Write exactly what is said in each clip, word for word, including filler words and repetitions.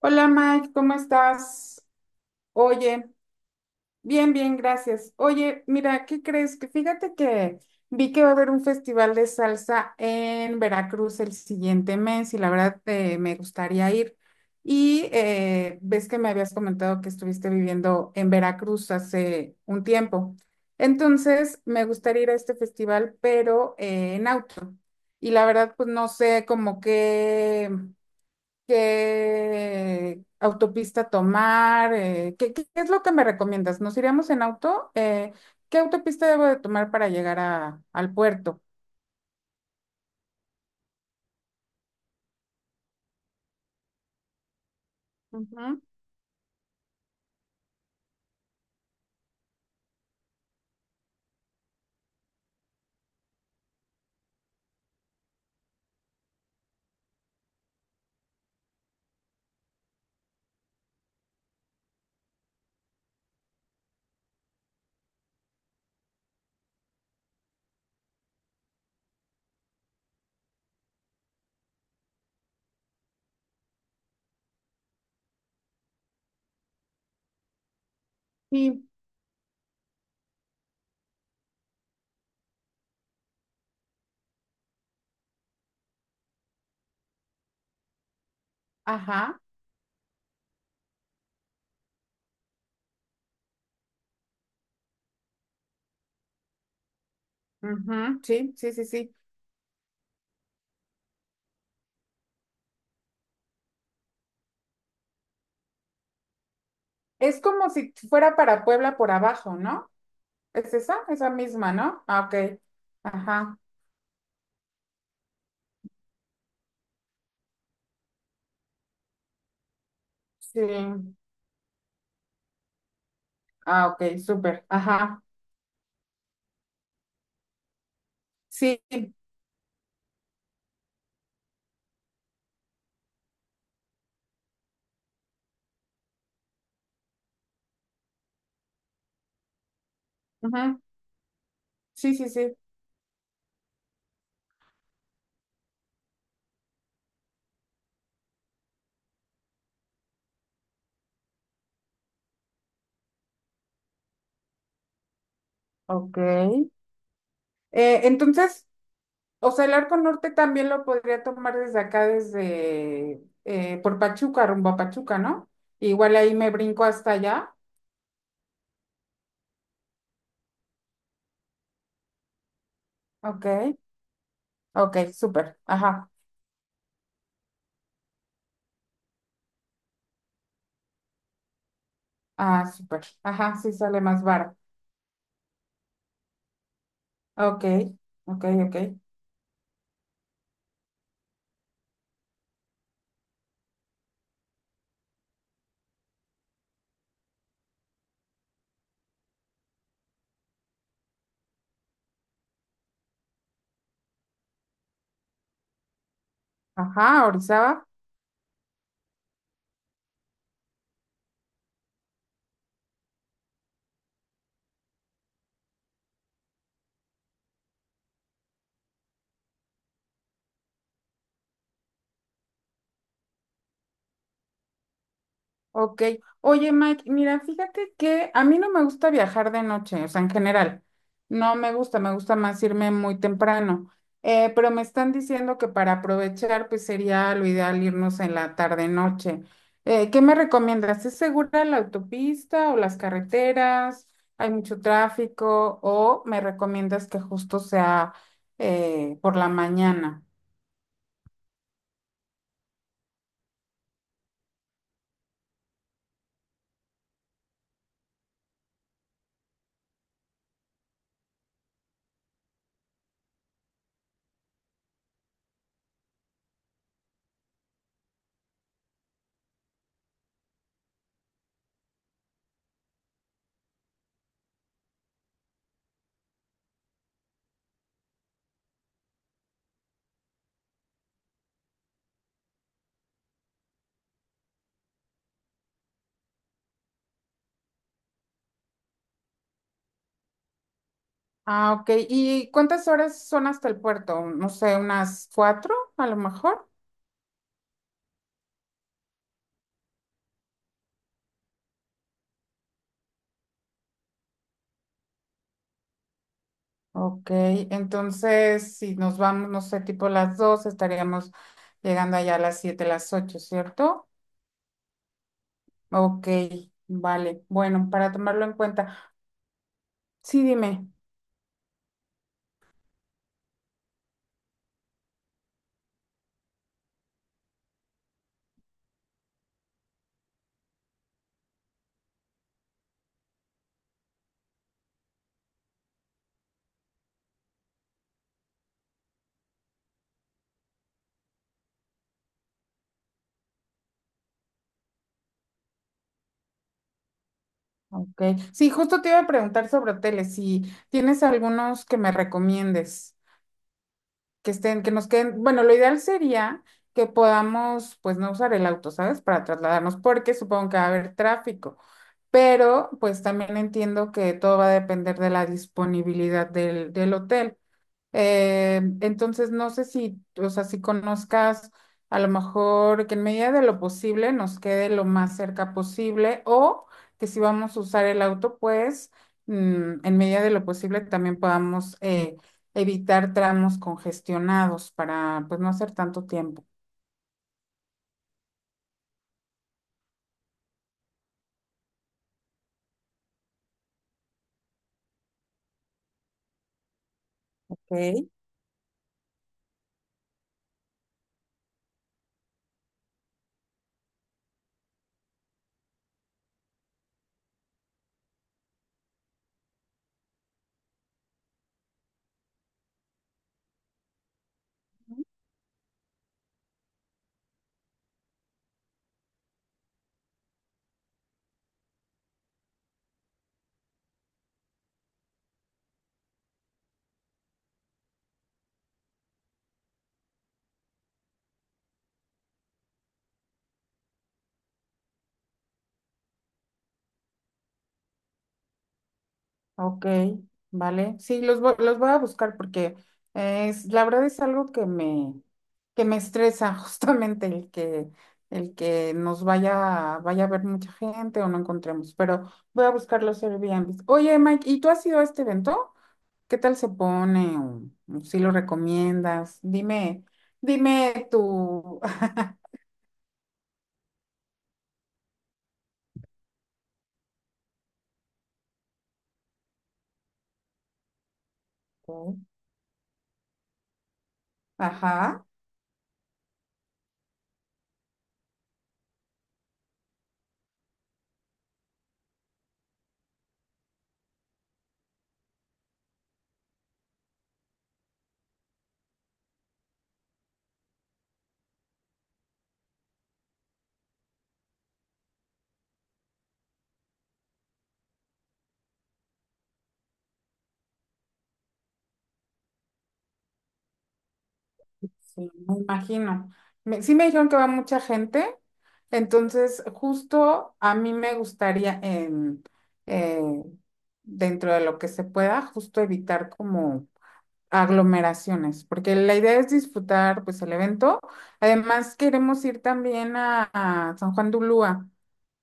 Hola Mike, ¿cómo estás? Oye, bien, bien, gracias. Oye, mira, ¿qué crees? Que fíjate que vi que va a haber un festival de salsa en Veracruz el siguiente mes y la verdad eh, me gustaría ir. Y eh, ves que me habías comentado que estuviste viviendo en Veracruz hace un tiempo. Entonces, me gustaría ir a este festival, pero eh, en auto. Y la verdad, pues no sé como qué qué autopista tomar, eh, ¿qué, qué- qué es lo que me recomiendas? ¿Nos iríamos en auto? Eh, ¿qué autopista debo de tomar para llegar a, al puerto? Ujú, sí, ajá, ujú, sí, sí, sí, sí. Es como si fuera para Puebla por abajo, ¿no? ¿Es esa? Esa misma, ¿no? Ah, ok, ajá, sí, ah, ok, súper, ajá, sí, ujú, sí, sí, sí, ok. Eh, entonces... o sea, el arco norte también lo podría tomar desde acá, desde eh, por Pachuca, rumbo a Pachuca, ¿no? Igual ahí me brinco hasta allá. Ok, ok, súper. Ajá, ah, súper. Ajá, sí sale más barato. Ok, ok, ok. Ajá, Orizaba. Ok. Oye, Mike, mira, fíjate que a mí no me gusta viajar de noche, o sea, en general. No me gusta, me gusta más irme muy temprano. Eh, pero me están diciendo que para aprovechar, pues sería lo ideal irnos en la tarde-noche. Eh, ¿qué me recomiendas? ¿Es segura la autopista o las carreteras? ¿Hay mucho tráfico? ¿O me recomiendas que justo sea eh, por la mañana? Ah, ok. ¿Y cuántas horas son hasta el puerto? No sé, unas cuatro a lo mejor. Ok, entonces si nos vamos, no sé, tipo las dos, estaríamos llegando allá a las siete, las ocho, ¿cierto? Ok, vale. Bueno, para tomarlo en cuenta. Sí, dime. Ok. Sí, justo te iba a preguntar sobre hoteles, si tienes algunos que me recomiendes, que estén, que nos queden. Bueno, lo ideal sería que podamos, pues, no usar el auto, ¿sabes? Para trasladarnos, porque supongo que va a haber tráfico. Pero pues también entiendo que todo va a depender de la disponibilidad del, del hotel. Eh, entonces, no sé si, o sea, si conozcas a lo mejor que en medida de lo posible nos quede lo más cerca posible o que si vamos a usar el auto, pues mm, en medida de lo posible también podamos eh, evitar tramos congestionados para pues no hacer tanto tiempo. Ok. Ok, vale. Sí, los, vo- los voy a buscar porque eh, es, la verdad es algo que me, que me estresa justamente el que, el que nos vaya, vaya a ver mucha gente o no encontremos, pero voy a buscar los Airbnb. Oye, Mike, ¿y tú has ido a este evento? ¿Qué tal se pone? ¿O, o si lo recomiendas? Dime, dime tu... Ajá. Sí, me imagino. Me- sí me dijeron que va mucha gente, entonces justo a mí me gustaría en, eh, dentro de lo que se pueda, justo evitar como aglomeraciones, porque la idea es disfrutar pues el evento. Además queremos ir también a, a San Juan de Ulúa.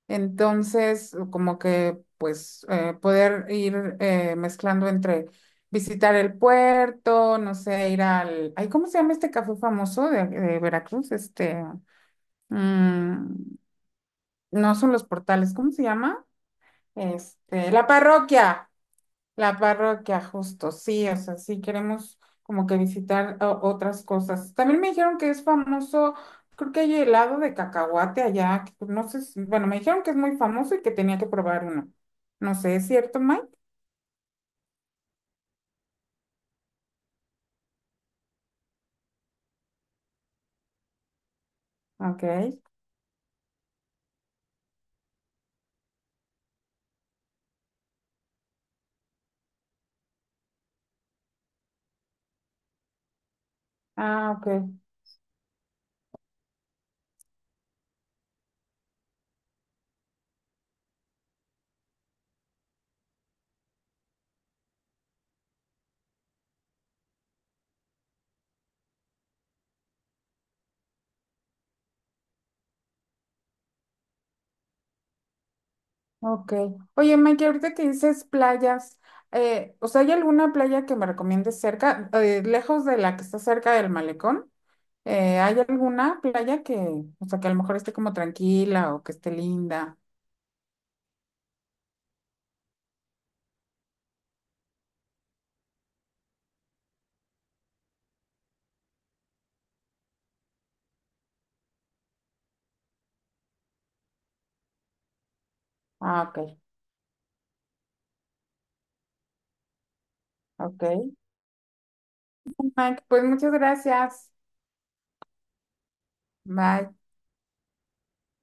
Entonces, como que, pues, eh, poder ir eh, mezclando entre visitar el puerto, no sé, ir al... Ay, ¿cómo se llama este café famoso de, de Veracruz? Este, mm, no son los portales, ¿cómo se llama? Este, la parroquia. La parroquia, justo, sí, o sea, sí queremos como que visitar o- otras cosas. También me dijeron que es famoso, creo que hay helado de cacahuate allá, que no sé, si- bueno, me dijeron que es muy famoso y que tenía que probar uno. No sé, ¿es cierto, Mike? Ok. Ah, ok, ok. Oye, Mike, ahorita que dices playas, eh, o sea, ¿hay alguna playa que me recomiendes cerca, eh, lejos de la que está cerca del malecón? Eh, ¿hay alguna playa que, o sea, que a lo mejor esté como tranquila o que esté linda? Ah, ok, ok. Mike, pues muchas gracias. Bye.